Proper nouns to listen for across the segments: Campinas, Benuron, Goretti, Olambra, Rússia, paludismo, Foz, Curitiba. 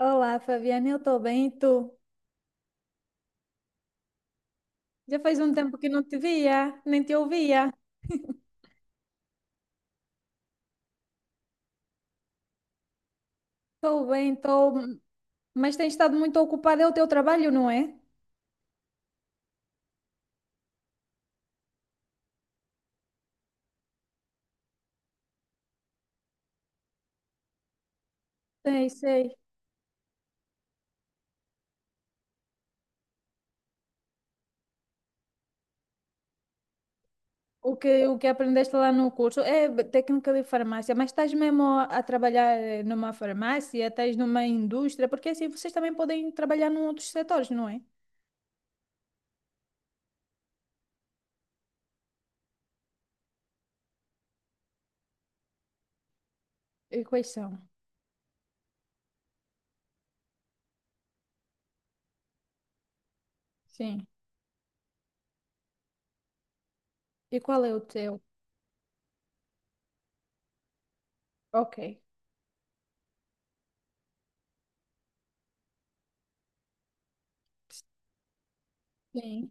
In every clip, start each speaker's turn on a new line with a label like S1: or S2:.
S1: Olá, Fabiana, eu estou bem, e tu? Já faz um tempo que não te via, nem te ouvia. Estou bem, estou, mas tens estado muito ocupada, é o teu trabalho, não é? Sei, sei. O que aprendeste lá no curso é técnica de farmácia, mas estás mesmo a trabalhar numa farmácia, estás numa indústria, porque assim vocês também podem trabalhar em outros setores, não é? E quais são? Sim. E qual é o teu? Ok. Sim.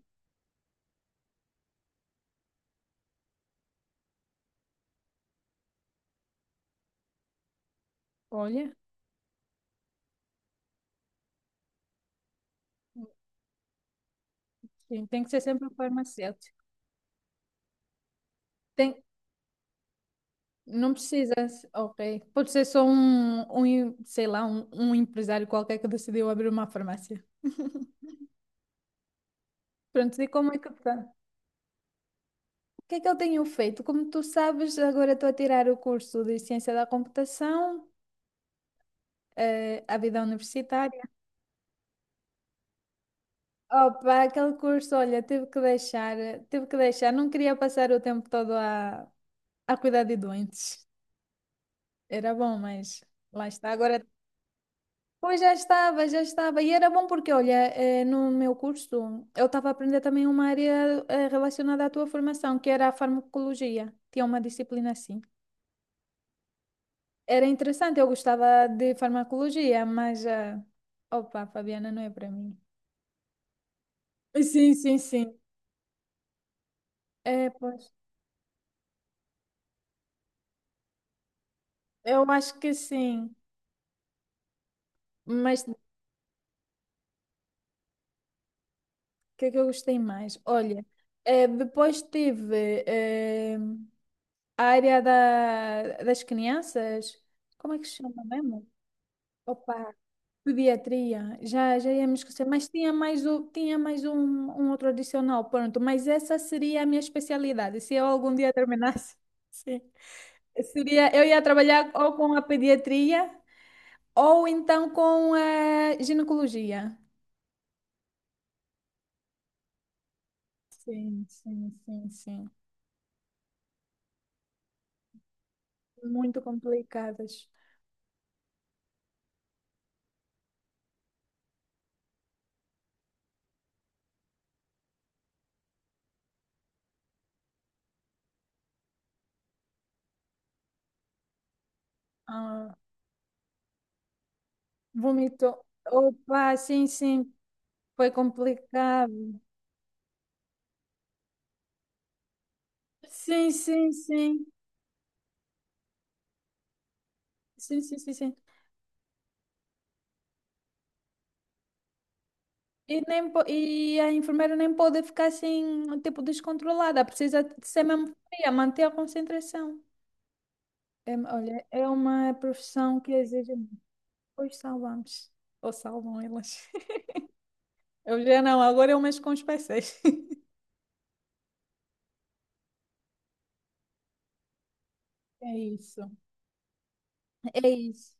S1: Olha, sim, tem que ser sempre farmacêutico. Tem, não precisa, ok. Pode ser só um, sei lá, um empresário qualquer que decidiu abrir uma farmácia. Pronto, e como é que tá? O que é que ele tenho feito? Como tu sabes, agora estou a tirar o curso de Ciência da Computação, a vida universitária. Opa, aquele curso, olha, tive que deixar, tive que deixar. Não queria passar o tempo todo a cuidar de doentes. Era bom, mas lá está. Agora pois já estava, já estava. E era bom porque, olha, no meu curso eu estava a aprender também uma área relacionada à tua formação, que era a farmacologia. Tinha uma disciplina assim. Era interessante, eu gostava de farmacologia, mas, opa, Fabiana, não é para mim. Sim, sim, sim. É, pois. Eu acho que sim. Mas o que é que eu gostei mais? Olha, depois tive a área da, das crianças. Como é que se chama mesmo? Opa, pediatria, já, já ia me esquecer, mas tinha mais, o, tinha mais um, um outro adicional, pronto, mas essa seria a minha especialidade, se eu algum dia terminasse, Sim. Seria, eu ia trabalhar ou com a pediatria ou então com a ginecologia. Sim, sim, sim, sim, muito complicadas. Ah, vomito, opa, sim, sim, foi complicado. Sim, sim, sim, sim, sim, sim, sim. E a enfermeira nem pode ficar assim, tipo, descontrolada. Precisa de ser mesmo fria, manter a concentração. É, olha, é uma profissão que exige. Pois salvamos. Ou salvam elas. Eu já não, agora eu mexo com os PCs. É isso. É isso.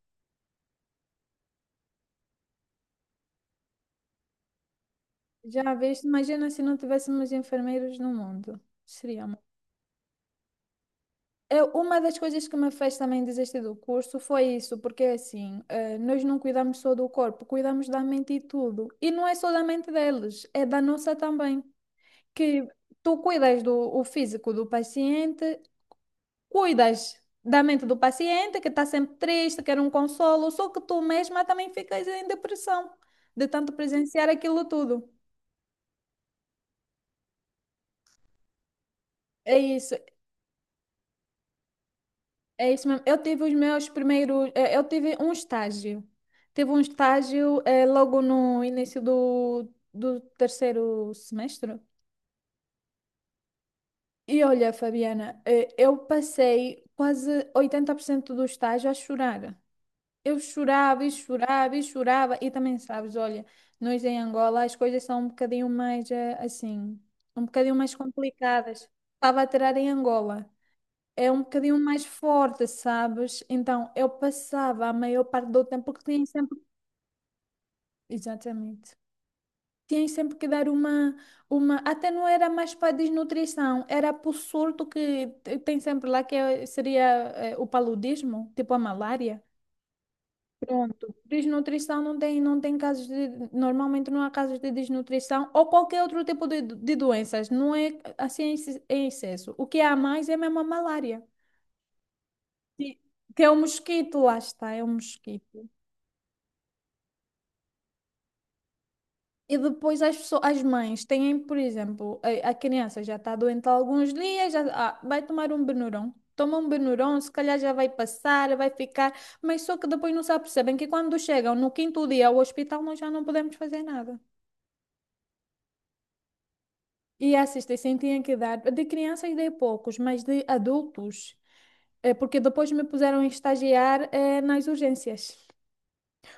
S1: Já viste? Imagina se não tivéssemos enfermeiros no mundo. Seria uma das coisas que me fez também desistir do curso foi isso, porque é assim, nós não cuidamos só do corpo, cuidamos da mente e tudo. E não é só da mente deles, é da nossa também. Que tu cuidas do o físico do paciente, cuidas da mente do paciente, que está sempre triste, quer um consolo, só que tu mesma também ficas em depressão de tanto presenciar aquilo tudo. É isso. É isso mesmo. Eu tive os meus primeiros. É, eu tive um estágio. Tive um estágio é, logo no início do, do terceiro semestre. E olha, Fabiana, é, eu passei quase 80% do estágio a chorar. Eu chorava e chorava e chorava. E também sabes, olha, nós em Angola as coisas são um bocadinho mais é, assim, um bocadinho mais complicadas. Estava a tirar em Angola. É um bocadinho mais forte, sabes? Então, eu passava a maior parte do tempo que tinha sempre. Exatamente. Tinha sempre que dar uma, uma. Até não era mais para desnutrição, era para o surto tem sempre lá, seria o paludismo, tipo a malária. Pronto. Desnutrição não tem, não tem casos de. Normalmente não há casos de desnutrição ou qualquer outro tipo de doenças. Não é assim em excesso. O que há mais é mesmo a malária. Sim, que é o mosquito, lá está, é o mosquito. E depois as pessoas, as mães têm, por exemplo, a criança já está doente há alguns dias, já, ah, vai tomar um Benuron. Toma um Benuron, se calhar já vai passar, vai ficar, mas só que depois não se apercebem que quando chegam no quinto dia ao hospital nós já não podemos fazer nada. E a assistência tinha que dar, de crianças dei poucos, mas de adultos, porque depois me puseram a estagiar nas urgências.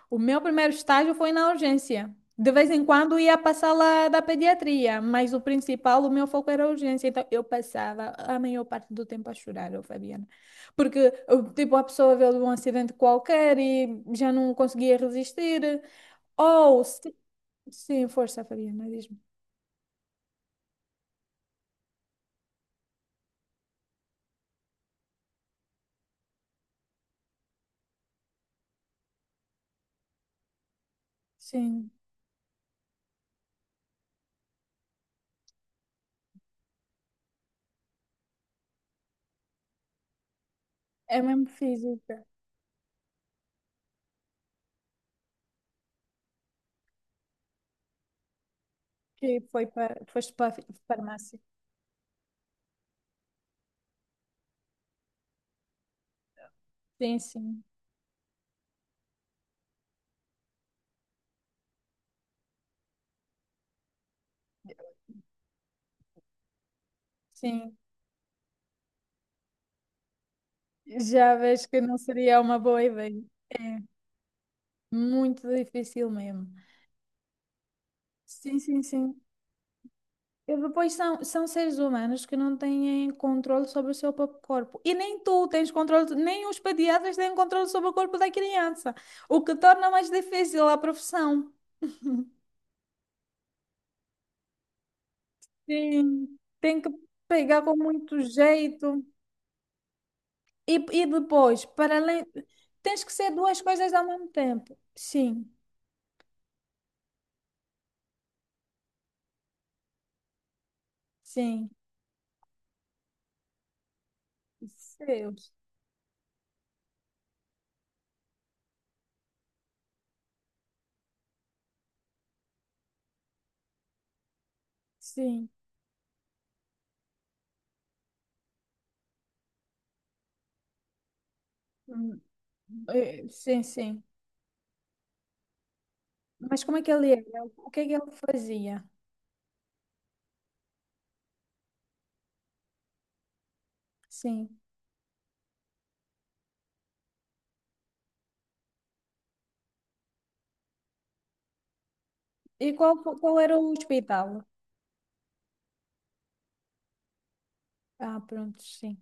S1: O meu primeiro estágio foi na urgência. De vez em quando ia passar lá da pediatria, mas o principal, o meu foco era a urgência. Então eu passava a maior parte do tempo a chorar, eu, Fabiana. Porque, eu, tipo, a pessoa veio de um acidente qualquer e já não conseguia resistir. Ou, se- sim, força, Fabiana, diz-me. Sim, é mesmo física, foste para a farmácia. Sim, sim, sim. Já vejo que não seria uma boa ideia. É muito difícil mesmo. Sim, sim, sim. E depois são, são seres humanos que não têm controle sobre o seu próprio corpo. E nem tu tens controle, nem os pediatras têm controle sobre o corpo da criança, o que torna mais difícil a profissão. Sim, tem que pegar com muito jeito. E, e depois, para além, tens que ser duas coisas ao mesmo tempo. Sim, sim. Deus, sim. Hum, sim, sim. Mas como é que ele era? O que é que ele fazia? Sim. E qual, qual era o hospital? Ah, pronto, sim.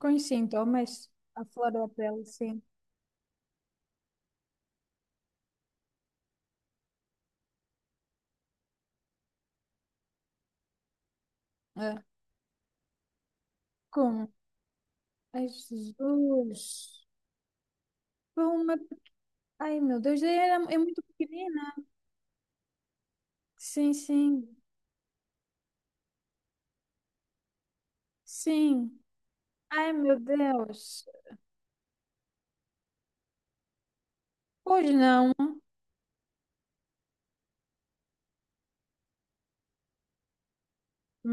S1: Com os sintomas, a flor da pele, sim. É. Como? Ai, Jesus. Foi uma... Ai, meu Deus, era, é muito pequenina. Sim, sim, sim. Ai, meu Deus. Pois não,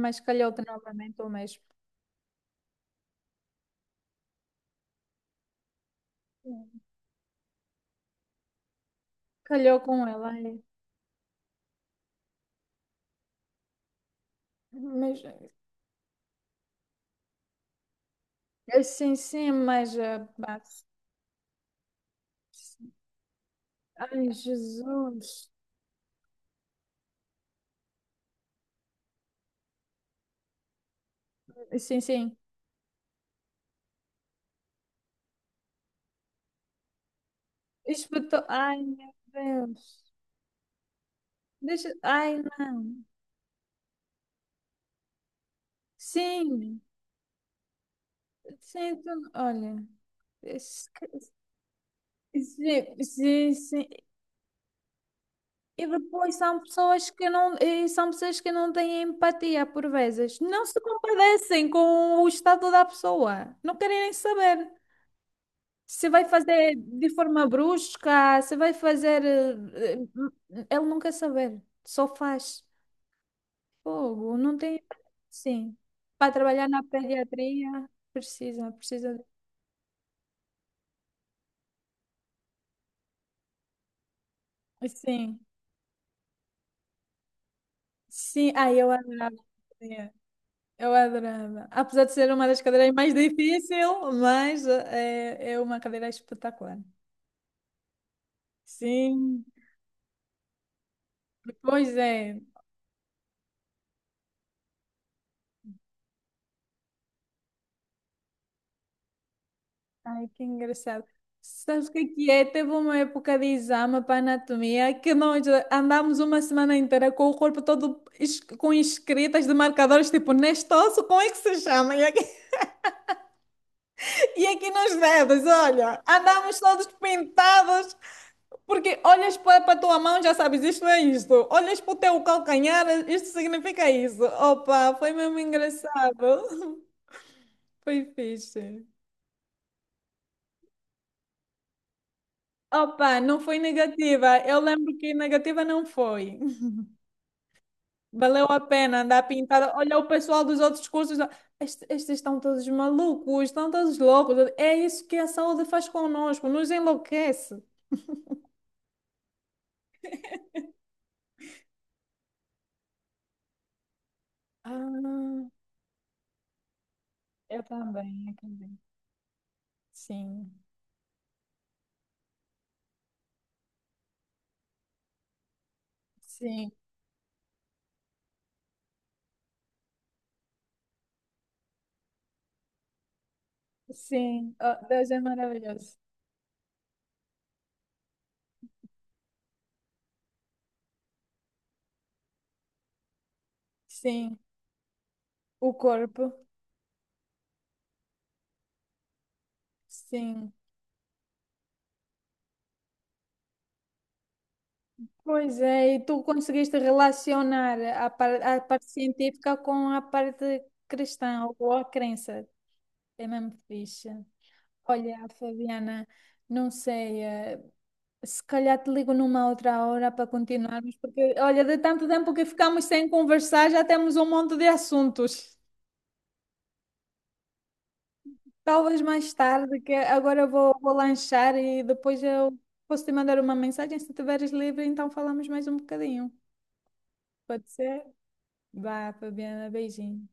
S1: mas calhou-te novamente o mesmo. Sim. Calhou com ela. Ai. Mas, sim, sim, mas... pá, sim. Ai, Jesus. Sim, sim. Espetou. Ai, meu Deus. Deixa. Ai, não. Sim, sim, olha. es- Sim, sim, sim. E depois são pessoas que não, e são pessoas que não têm empatia por vezes. Não se compadecem com o estado da pessoa. Não querem nem saber se vai fazer de forma brusca, se vai fazer. Ele não quer saber. Só faz. Fogo, não tem. Sim. Para trabalhar na pediatria, precisa, precisa. Sim. Sim. Ai, eu adorava. É, eu adorava. Apesar de ser uma das cadeiras mais difícil mas é, é uma cadeira espetacular. Sim. Pois é. Ai, que engraçado. Sabes o que é? Teve uma época de exame para anatomia que nós andámos uma semana inteira com o corpo todo com escritas de marcadores, tipo, neste osso, como é que se chama? E aqui nas vedas, olha, andamos todos pintados, porque olhas para a tua mão já sabes, isto é isto. Olhas para o teu calcanhar, isto significa isso. Opa, foi mesmo engraçado. Foi fixe. Opa, não foi negativa. Eu lembro que negativa não foi. Valeu a pena andar pintada. Olha o pessoal dos outros cursos. Ó, estes, estes estão todos malucos, estão todos loucos. É isso que a saúde faz conosco, nos enlouquece. Ah, eu também, eu também. Sim, sim, sim. Ah, Deus é maravilhoso. Sim, o corpo, sim. Pois é, e tu conseguiste relacionar a, a parte científica com a parte cristã ou a crença. É mesmo fixe. Olha, Fabiana, não sei, se calhar te ligo numa outra hora para continuarmos, porque olha, de tanto tempo que ficamos sem conversar, já temos um monte de assuntos. Talvez mais tarde, que agora eu vou, vou lanchar e depois eu posso te mandar uma mensagem. Se estiveres livre, então falamos mais um bocadinho. Pode ser? Vá, Fabiana, beijinho.